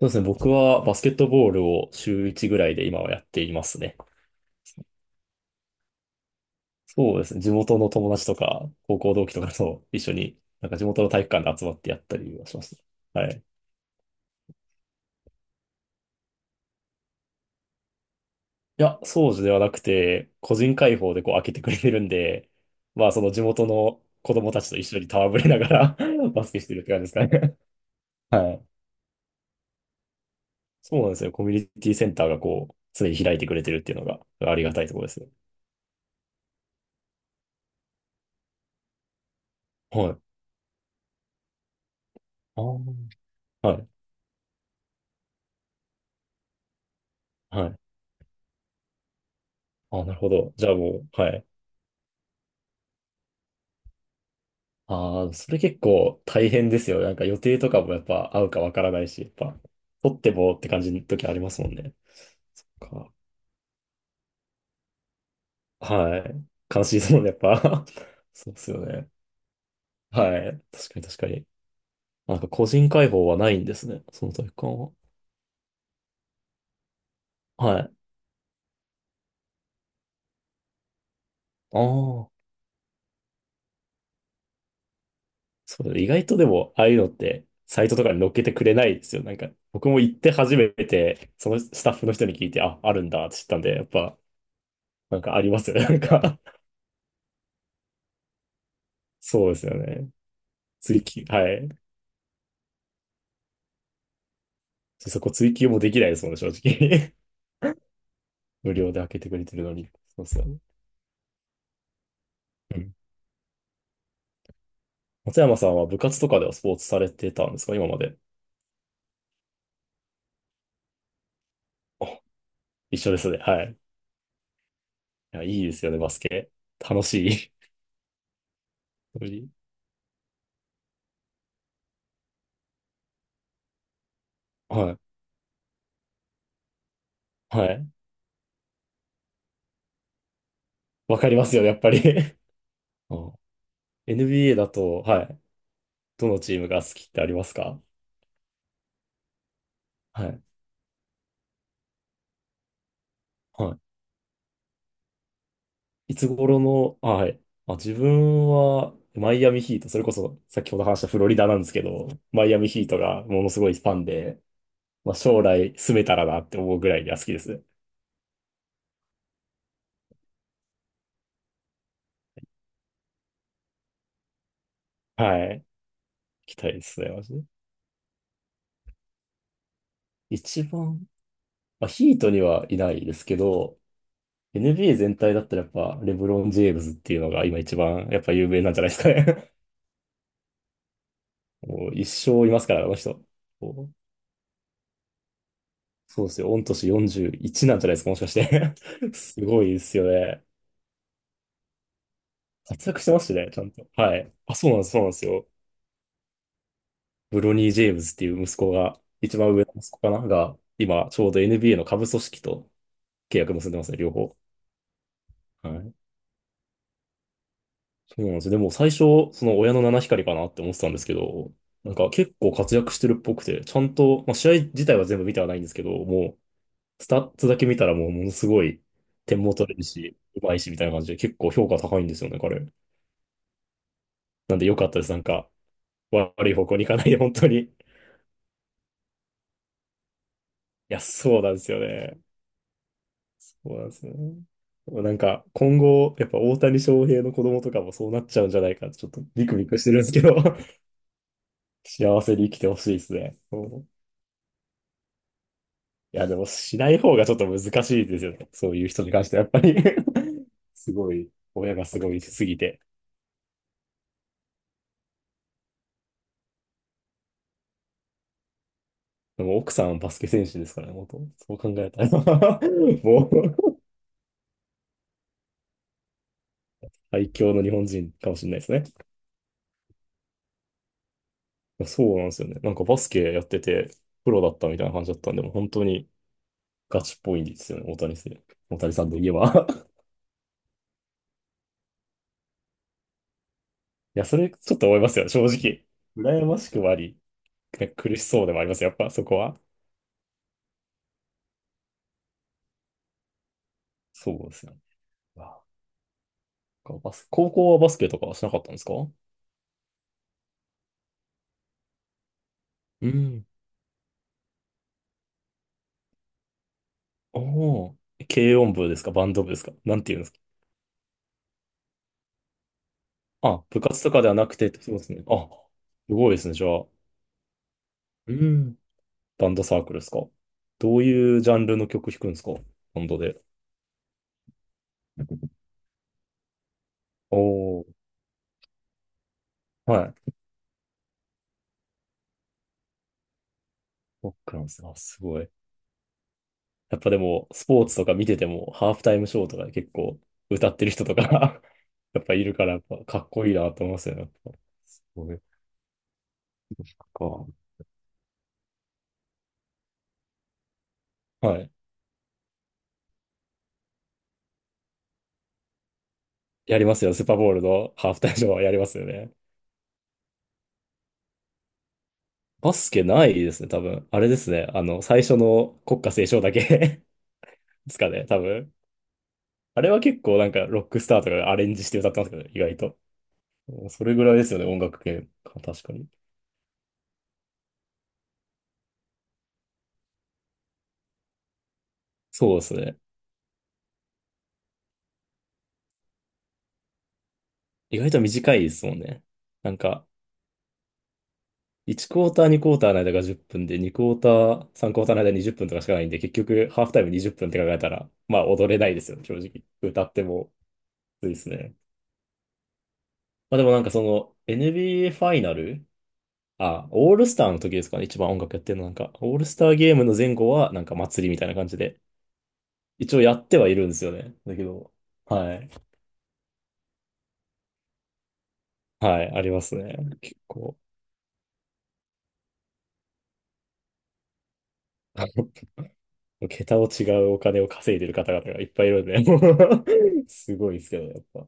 そうですね。僕はバスケットボールを週1ぐらいで今はやっていますね。そうですね。地元の友達とか、高校同期とかと一緒に、なんか地元の体育館で集まってやったりはしますね。はい。いや、掃除ではなくて、個人開放でこう開けてくれてるんで、まあその地元の子供たちと一緒に戯れながら バスケしてるって感じですかね。はい。そうなんですよ。コミュニティセンターがこう、常に開いてくれてるっていうのがありがたいところですね。はい。ああ。はい。はい。あ、なるほど。じゃあもう、はい。ああ、それ結構大変ですよ。なんか予定とかもやっぱ合うかわからないし、やっぱ、取ってもって感じの時ありますもんね。そっか。はい。悲しいですもんね、やっぱ。そうですよね。はい。確かに確かに。なんか個人解放はないんですね。その体育館は。はい。ああ。そう意外とでも、ああいうのって、サイトとかに載っけてくれないですよ。なんか、僕も行って初めて、そのスタッフの人に聞いて、あ、あるんだって知ったんで、やっぱ、なんかありますよね。なんか そうですよね。追記、はい。そこ追記もできないですもんね、正直。無料で開けてくれてるのに。そうそう。うん。松山さんは部活とかではスポーツされてたんですか、今まで。あ、一緒ですね。はい。いや、いいですよね、バスケ。楽しい。無理はい。はい。わかりますよね、やっぱり。あ、 NBA だと、はい。どのチームが好きってありますか？はい。はい。いつ頃の、あ、はい。あ、自分は、マイアミヒート、それこそ先ほど話したフロリダなんですけど、マイアミヒートがものすごいファンで、まあ、将来住めたらなって思うぐらいには好きですね。はい。行きたいですね、マジで。一番、まあ、ヒートにはいないですけど、NBA 全体だったらやっぱ、レブロン・ジェームズっていうのが今一番やっぱ有名なんじゃないですかね。もう一生いますから、あの人。こうそうですよ。御年41なんじゃないですか、もしかして。すごいですよね。活躍してますしね、ちゃんと。はい。あ、そうなんです、そうなんですよ。ブロニー・ジェームズっていう息子が、一番上の息子かなが、今、ちょうど NBA の下部組織と契約結んでますね、両方。はい。そうなんですよ。でも最初、その親の七光りかなって思ってたんですけど、なんか結構活躍してるっぽくて、ちゃんと、まあ、試合自体は全部見てはないんですけど、もう、スタッツだけ見たらもうものすごい点も取れるし、うまいしみたいな感じで結構評価高いんですよね、彼。なんで良かったです。なんか、悪い方向に行かないで、本当に。いや、そうなんですよね。そうなんですよね。なんか、今後、やっぱ大谷翔平の子供とかもそうなっちゃうんじゃないかって、ちょっとビクビクしてるんですけど。幸せに生きてほしいですね。うん。いや、でもしない方がちょっと難しいですよね。そういう人に関してはやっぱり すごい、親がすごいしすぎて。でも奥さんはバスケ選手ですからね、元。そう考えたら もう、最強の日本人かもしれないですね。いや、そうなんですよね。なんかバスケやってて、プロだったみたいな感じだったんで、もう本当にガチっぽいんですよね、大谷選手。大谷さんといえば いや、それちょっと思いますよ、正直。羨ましくもあり、ね、苦しそうでもあります、やっぱそこは。そうですよね。わかバス、高校はバスケとかはしなかったんですか？うん。おー。軽音部ですか、バンド部ですか、なんていうんですか？あ、部活とかではなくて、そうですね。あ、すごいですね、じゃあ。うん。バンドサークルですか？どういうジャンルの曲弾くんですか？バンドで。おー。はい。ロックなんですね。あ、すごい。やっぱでも、スポーツとか見てても、ハーフタイムショーとかで結構歌ってる人とか やっぱいるから、やっぱかっこいいなと思いますよね。やっぱすごい。そっか。はい。やりますよ。スーパーボールのハーフタイムショーはやりますよね。バスケないですね、多分。あれですね。あの、最初の国歌斉唱だけ ですかね、多分。あれは結構なんかロックスターとかがアレンジして歌ってますけど、意外と。それぐらいですよね、音楽系。確かに。そうですね。意外と短いですもんね。なんか、1クォーター、2クォーターの間が10分で、2クォーター、3クォーターの間20分とかしかないんで、結局、ハーフタイム20分っぷんって考えたら、まあ、踊れないですよね、正直。歌っても、そうですね。まあでもなんかその NBA ファイナル、あ、オールスターの時ですかね、一番音楽やってるのなんか、オールスターゲームの前後はなんか祭りみたいな感じで、一応やってはいるんですよね。だけど、はい。はい、ありますね。結構。桁を違うお金を稼いでる方々がいっぱいいるんで、すごいですけど、やっぱ。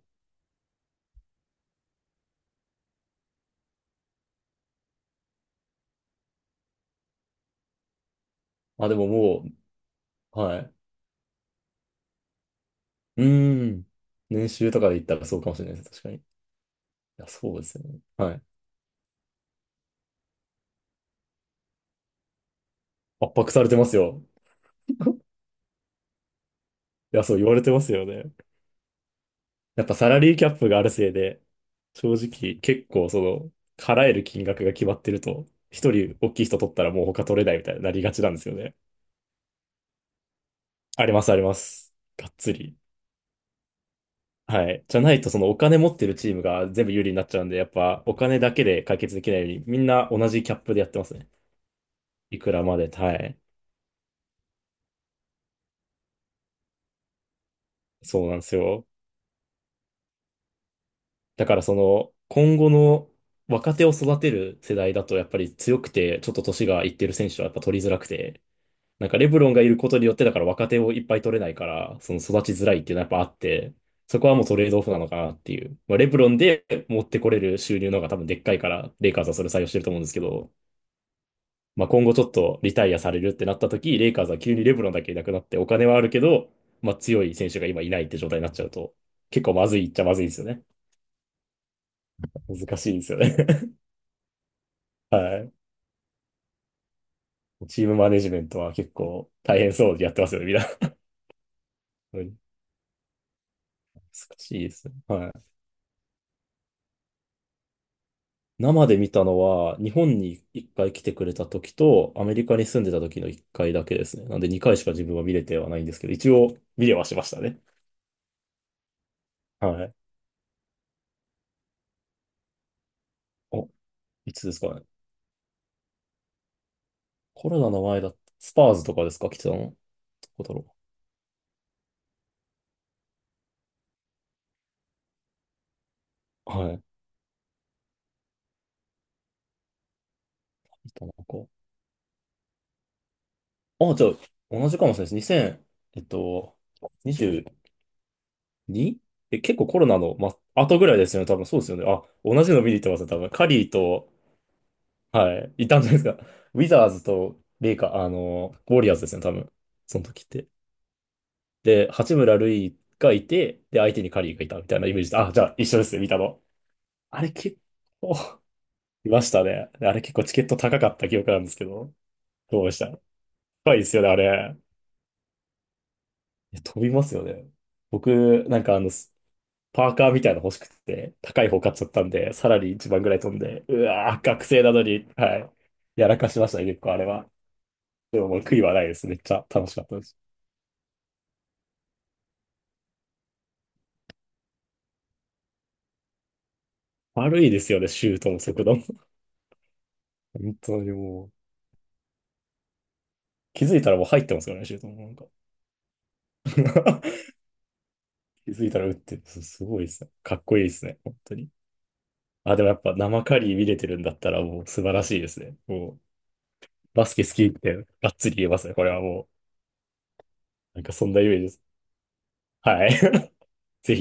あ、でももう、はい。うーん。年収とかで言ったらそうかもしれないです。確かに。いや、そうですよね。はい。圧迫されてますよ。いや、そう言われてますよね。やっぱサラリーキャップがあるせいで、正直結構その、払える金額が決まってると、一人大きい人取ったらもう他取れないみたいになりがちなんですよね。ありますあります。がっつり。はい。じゃないとそのお金持ってるチームが全部有利になっちゃうんで、やっぱお金だけで解決できないように、みんな同じキャップでやってますね。いくらまで、はい。そうなんですよ。だからその、今後の若手を育てる世代だとやっぱり強くて、ちょっと年がいってる選手はやっぱ取りづらくて、なんかレブロンがいることによって、だから若手をいっぱい取れないから、その育ちづらいっていうのはやっぱあって、そこはもうトレードオフなのかなっていう。まあ、レブロンで持ってこれる収入の方が多分でっかいから、レイカーズはそれ採用してると思うんですけど、まあ、今後ちょっとリタイアされるってなった時、レイカーズは急にレブロンだけいなくなって、お金はあるけど、まあ、強い選手が今いないって状態になっちゃうと、結構まずいっちゃまずいですよね。難しいですよね。はい。チームマネジメントは結構大変そうでやってますよね、みんな。難しいですね。はい。生で見たのは、日本に一回来てくれた時と、アメリカに住んでた時の一回だけですね。なんで二回しか自分は見れてはないんですけど、一応見れはしましたね。はい。お、いつですかね。コロナの前だった。スパーズとかですか、来てたの？どこだろう。はい。いたのか。あ、じゃあ、同じかもしれないです。2 0えっと、22? え、結構コロナの、ま、後ぐらいですよね。多分そうですよね。あ、同じの見に行ってますね。多分。カリーと、はい。いたんじゃないですか。ウィザーズとレイカー、あの、ウォリアーズですね、多分。その時って。で、八村塁がいて、で、相手にカリーがいたみたいなイメージで、あ、じゃあ一緒ですね、見たの。あれ結構 いましたね。あれ結構チケット高かった記憶なんですけど、どうでした？高いですよね、あれ。いや飛びますよね。僕、なんかあの、スパーカーみたいなの欲しくて、高い方買っちゃったんで、さらに一番ぐらい飛んで、うわー、学生なのに、はい。やらかしましたね、結構あれは。でももう悔いはないです。めっちゃ楽しかったです。悪いですよね、シュートの速度も。本当にもう。気づいたらもう入ってますよね、シュートもなんか。気づいたら打ってる。すすごいですね。かっこいいですね、本当に。あ、でもやっぱ生カリー見れてるんだったらもう素晴らしいですね。もう、バスケ好きってがっつり言えますね。これはもう、なんかそんなイメージです。はい。ぜひ。